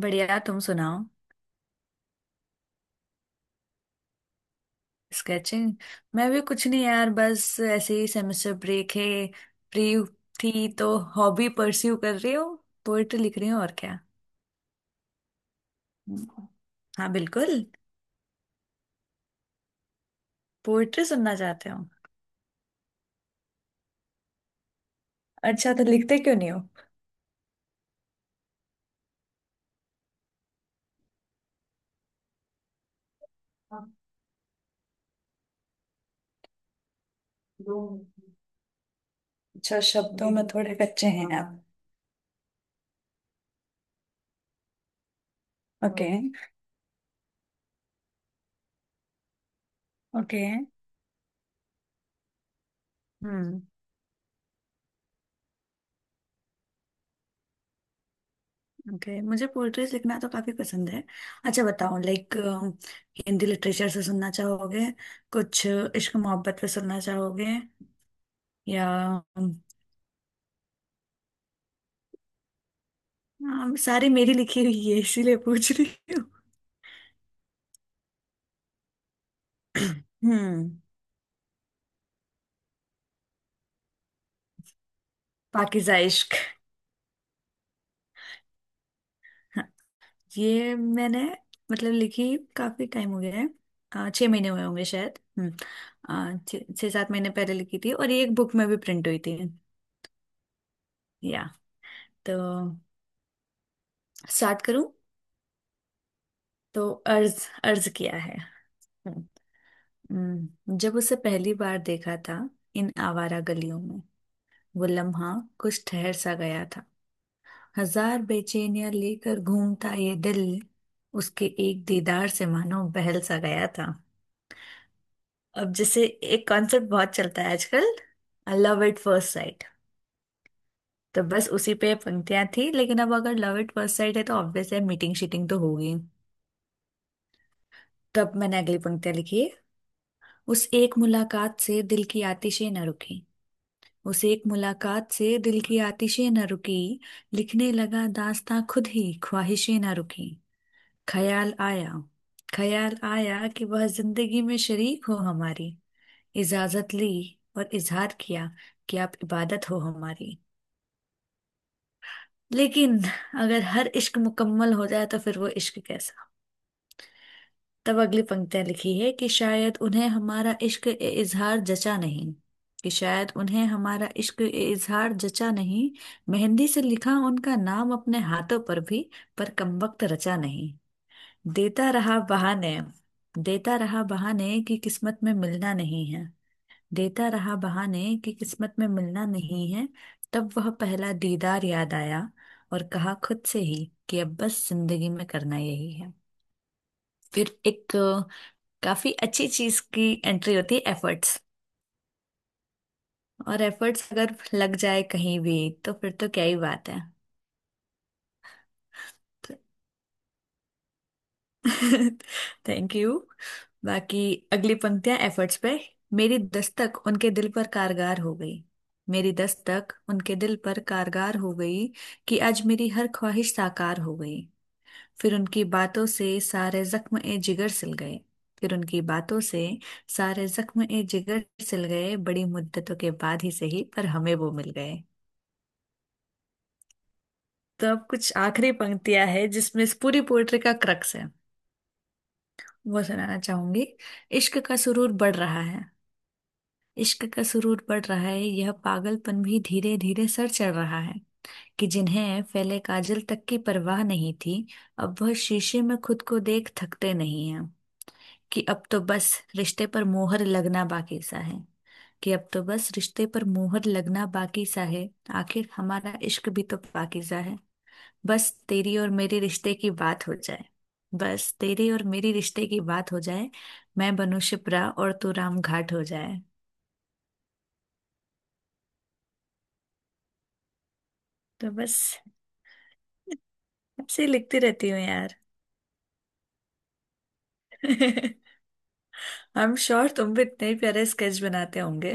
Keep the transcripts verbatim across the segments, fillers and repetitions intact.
बढ़िया, तुम सुनाओ। स्केचिंग। मैं भी कुछ नहीं यार, बस ऐसे ही। सेमेस्टर ब्रेक है, फ्री थी तो हॉबी परस्यू कर रही हूँ। पोएट्री लिख रही हूँ और क्या। हम्म। हाँ बिल्कुल। पोएट्री सुनना चाहते हो? अच्छा, तो लिखते क्यों नहीं हो? अच्छा, शब्दों में थोड़े कच्चे हैं आप। ओके। ओके। हम्म। ओके, मुझे पोएट्रीज लिखना तो काफी पसंद है। अच्छा बताओ, लाइक हिंदी लिटरेचर से सुनना चाहोगे? कुछ इश्क मोहब्बत पे सुनना चाहोगे? या? हाँ, सारी मेरी लिखी हुई है इसीलिए पूछ रही हूँ। हम्म। पाकिज़ा इश्क। हाँ, ये मैंने, मतलब लिखी काफी टाइम हो गया है। अ, छह महीने हुए होंगे शायद। हम्म। अ, छह छह सात महीने पहले लिखी थी और ये एक बुक में भी प्रिंट हुई थी। या तो स्टार्ट करूँ? तो अर्ज अर्ज किया है। हम्म। हम्म, जब उसे पहली बार देखा था, इन आवारा गलियों में, वो लम्हा कुछ ठहर सा गया था। हजार बेचैनियां लेकर घूमता ये दिल उसके एक दीदार से मानो बहल सा गया था। अब जैसे एक कॉन्सेप्ट बहुत चलता है आजकल, लव एट फर्स्ट साइट। तो बस उसी पे पंक्तियां थी, लेकिन अब अगर लव एट फर्स्ट साइट है तो ऑब्वियस है मीटिंग शीटिंग तो होगी। तब मैंने अगली पंक्तियां लिखी है। उस एक मुलाकात से दिल की आतिशें न रुकी। उस एक मुलाकात से दिल की आतिशें न रुकी। लिखने लगा दास्तां खुद ही, ख्वाहिशें न रुकी। ख्याल आया। ख्याल आया कि वह जिंदगी में शरीक हो हमारी। इजाजत ली और इजहार किया कि आप इबादत हो हमारी। लेकिन अगर हर इश्क मुकम्मल हो जाए तो फिर वो इश्क कैसा। तब अगली पंक्तियां लिखी है कि शायद उन्हें हमारा इश्क ए इजहार जचा नहीं। कि शायद उन्हें हमारा इश्क ए इजहार जचा नहीं। मेहंदी से लिखा उनका नाम अपने हाथों पर भी, पर कमबख्त रचा नहीं। देता रहा बहाने। देता रहा बहाने कि किस्मत में मिलना नहीं है। देता रहा बहाने कि किस्मत में मिलना नहीं है। तब वह पहला दीदार याद आया, और कहा खुद से ही कि अब बस जिंदगी में करना यही है। फिर एक अ, काफी अच्छी चीज की एंट्री होती है, एफर्ट्स। और एफर्ट्स अगर लग जाए कहीं भी तो फिर तो क्या ही बात है। तो थैंक यू। बाकी अगली पंक्तियां एफर्ट्स पे। मेरी दस्तक उनके दिल पर कारगर हो गई। मेरी दस्तक उनके दिल पर कारगर हो गई कि आज मेरी हर ख्वाहिश साकार हो गई। फिर उनकी बातों से सारे जख्म ए जिगर सिल गए। फिर उनकी बातों से सारे जख्म ए जिगर सिल गए, बड़ी मुद्दतों के बाद ही सही पर हमें वो मिल गए। तो अब कुछ आखिरी पंक्तियां है जिसमें इस पूरी पोएट्री का क्रक्स है, वो सुनाना चाहूंगी। इश्क का सुरूर बढ़ रहा है। इश्क का सुरूर बढ़ रहा है, यह पागलपन भी धीरे धीरे सर चढ़ रहा है। कि जिन्हें फैले काजल तक की परवाह नहीं थी, अब वह शीशे में खुद को देख थकते नहीं हैं। कि अब तो बस रिश्ते पर मोहर लगना बाकी सा है। कि अब तो बस रिश्ते पर मोहर लगना बाकी सा है। आखिर हमारा इश्क भी तो बाकी सा है। बस तेरी और मेरे रिश्ते की बात हो जाए। बस तेरे और मेरी रिश्ते की बात हो जाए। मैं बनूं शिप्रा और तू राम घाट हो जाए। तो बस, ऐसे ही लिखती रहती हूँ यार। आई एम श्योर तुम भी इतने ही प्यारे स्केच बनाते होंगे।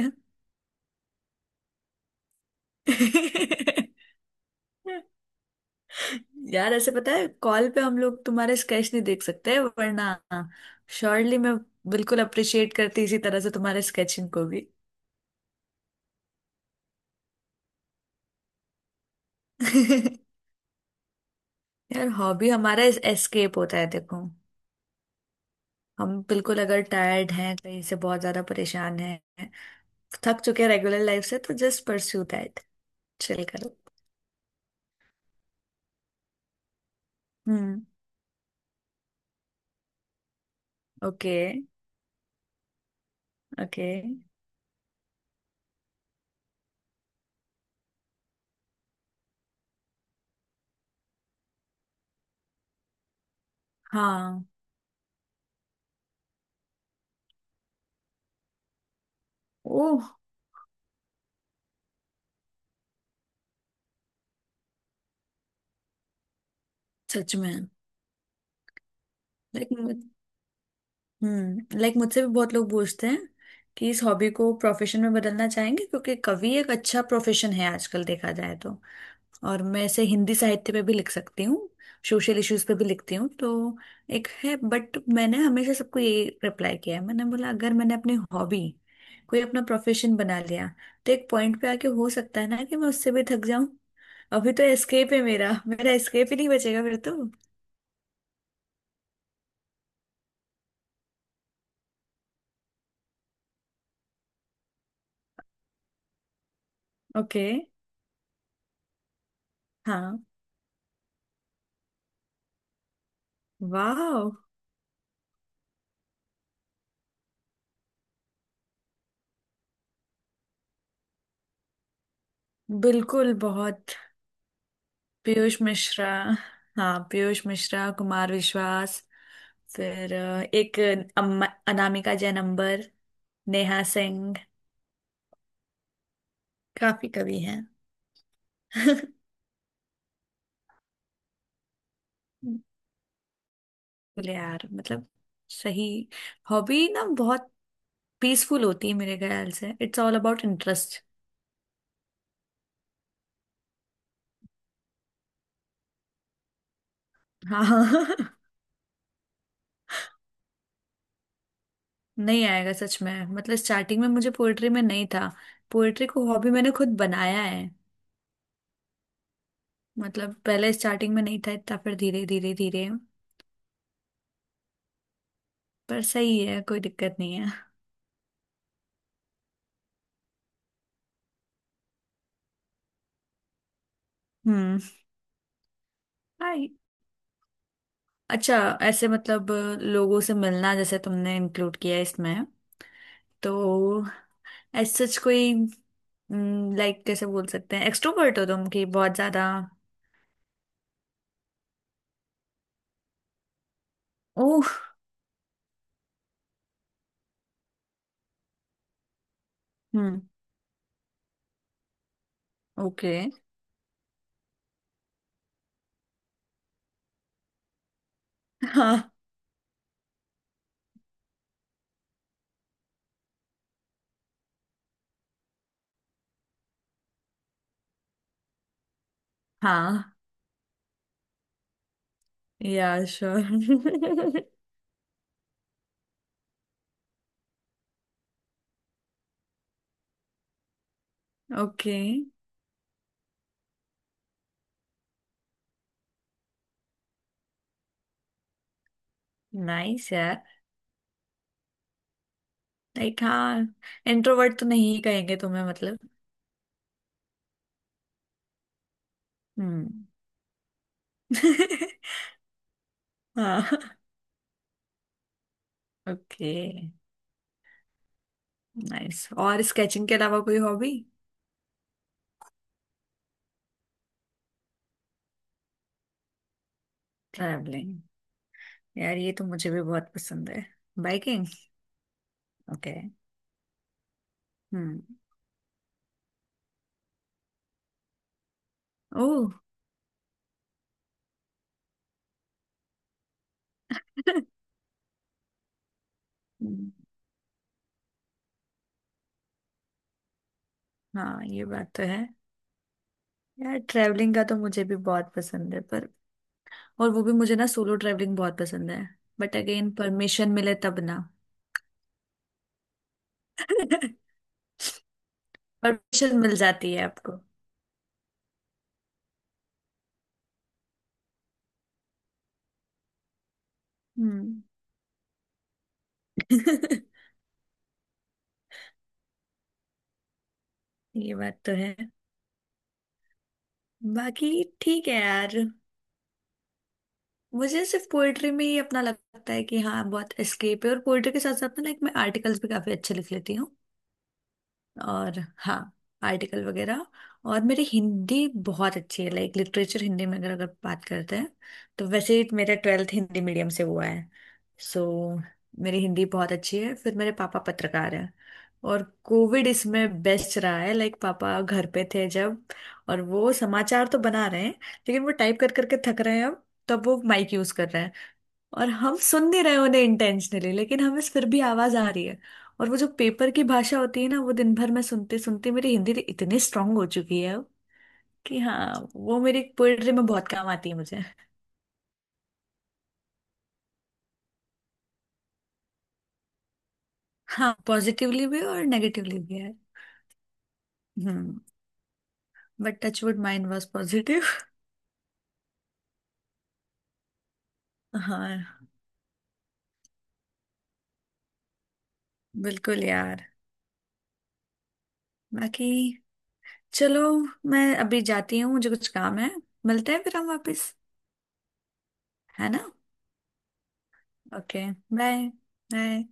यार, ऐसे पता है कॉल पे हम लोग तुम्हारे स्केच नहीं देख सकते, वरना श्योरली मैं बिल्कुल अप्रिशिएट करती इसी तरह से तुम्हारे स्केचिंग को भी। यार, हॉबी हमारा एस्केप होता है देखो। हम बिल्कुल अगर टायर्ड हैं, कहीं से बहुत ज्यादा परेशान हैं, थक चुके हैं रेगुलर लाइफ से, तो जस्ट परस्यू दैट, चिल करो। हम्म। ओके। ओके। हाँ। ओह। सच में। लाइक हम्म, लाइक मुझसे भी बहुत लोग पूछते हैं कि इस हॉबी को प्रोफेशन में बदलना चाहेंगे क्योंकि कवि एक अच्छा प्रोफेशन है आजकल देखा जाए तो। और मैं ऐसे हिंदी साहित्य पे भी लिख सकती हूँ, सोशल इश्यूज पे भी लिखती हूँ, तो एक है। बट मैंने हमेशा सबको ये रिप्लाई किया है, मैंने बोला अगर मैंने अपनी हॉबी कोई अपना प्रोफेशन बना लिया तो एक पॉइंट पे आके हो सकता है ना कि मैं उससे भी थक जाऊं। अभी तो एस्केप है मेरा मेरा एस्केप ही नहीं बचेगा फिर तो। ओके। हाँ। वाह। बिल्कुल बहुत। पीयूष मिश्रा। हाँ, पीयूष मिश्रा, कुमार विश्वास, फिर अ, एक अम्मा, अनामिका जैन अंबर, नेहा सिंह। काफी कवि हैं। बोले यार, मतलब सही। हॉबी ना बहुत पीसफुल होती है मेरे ख्याल से, इट्स ऑल अबाउट इंटरेस्ट। हाँ। नहीं आएगा सच में। मतलब स्टार्टिंग में मुझे पोएट्री में नहीं था। पोएट्री को हॉबी मैंने खुद बनाया है। मतलब पहले स्टार्टिंग में नहीं था इतना, फिर धीरे धीरे धीरे। पर सही है, कोई दिक्कत नहीं है। हम्म। हाय। अच्छा। ऐसे मतलब लोगों से मिलना जैसे तुमने इंक्लूड किया है इसमें, तो एज सच कोई, लाइक कैसे बोल सकते हैं एक्सट्रोवर्ट हो तुम कि बहुत ज्यादा? ओह। हम्म। ओके। हाँ। हाँ। Yeah, sure. ओके। नाइस। यार, लाइक हाँ, इंट्रोवर्ट तो नहीं ही कहेंगे तुम्हें मतलब। हम्म। हाँ। ओके। नाइस, और स्केचिंग के अलावा कोई हॉबी? ट्रैवलिंग? यार ये तो मुझे भी बहुत पसंद है। बाइकिंग। ओके। हम्म। ओह। हाँ, ये बात तो है। यार ट्रैवलिंग का तो मुझे भी बहुत पसंद है, पर, और वो भी मुझे ना सोलो ट्रैवलिंग बहुत पसंद है। बट अगेन, परमिशन मिले तब ना। परमिशन मिल जाती है आपको? हम्म। ये बात तो है। बाकी ठीक है यार। मुझे सिर्फ पोएट्री में ही अपना लगता है कि हाँ बहुत एस्केप है। और पोएट्री के साथ साथ ना, लाइक मैं आर्टिकल्स भी काफी अच्छे लिख लेती हूँ। और हाँ, आर्टिकल वगैरह। और मेरी हिंदी बहुत अच्छी है, लाइक लिटरेचर हिंदी में अगर अगर बात करते हैं तो। वैसे ही मेरा ट्वेल्थ हिंदी मीडियम से हुआ है, सो मेरी हिंदी बहुत अच्छी है। फिर मेरे पापा पत्रकार हैं, और कोविड इसमें बेस्ट रहा है, लाइक पापा घर पे थे जब। और वो समाचार तो बना रहे हैं, लेकिन वो टाइप कर करके थक रहे हैं, अब तो अब वो माइक यूज कर रहे हैं। और हम सुन नहीं रहे उन्हें इंटेंशनली, लेकिन हमें फिर भी आवाज आ रही है। और वो जो पेपर की भाषा होती है ना, वो दिन भर में सुनते सुनते मेरी हिंदी तो इतनी स्ट्रांग हो चुकी है कि हाँ वो मेरी पोएट्री में बहुत काम आती है मुझे। हाँ, पॉजिटिवली भी और नेगेटिवली भी है। Hmm. But touchwood mind was positive. हाँ, बिल्कुल यार। बाकी चलो, मैं अभी जाती हूँ, मुझे कुछ काम है। मिलते हैं फिर हम वापस, है ना? ओके। Bye bye.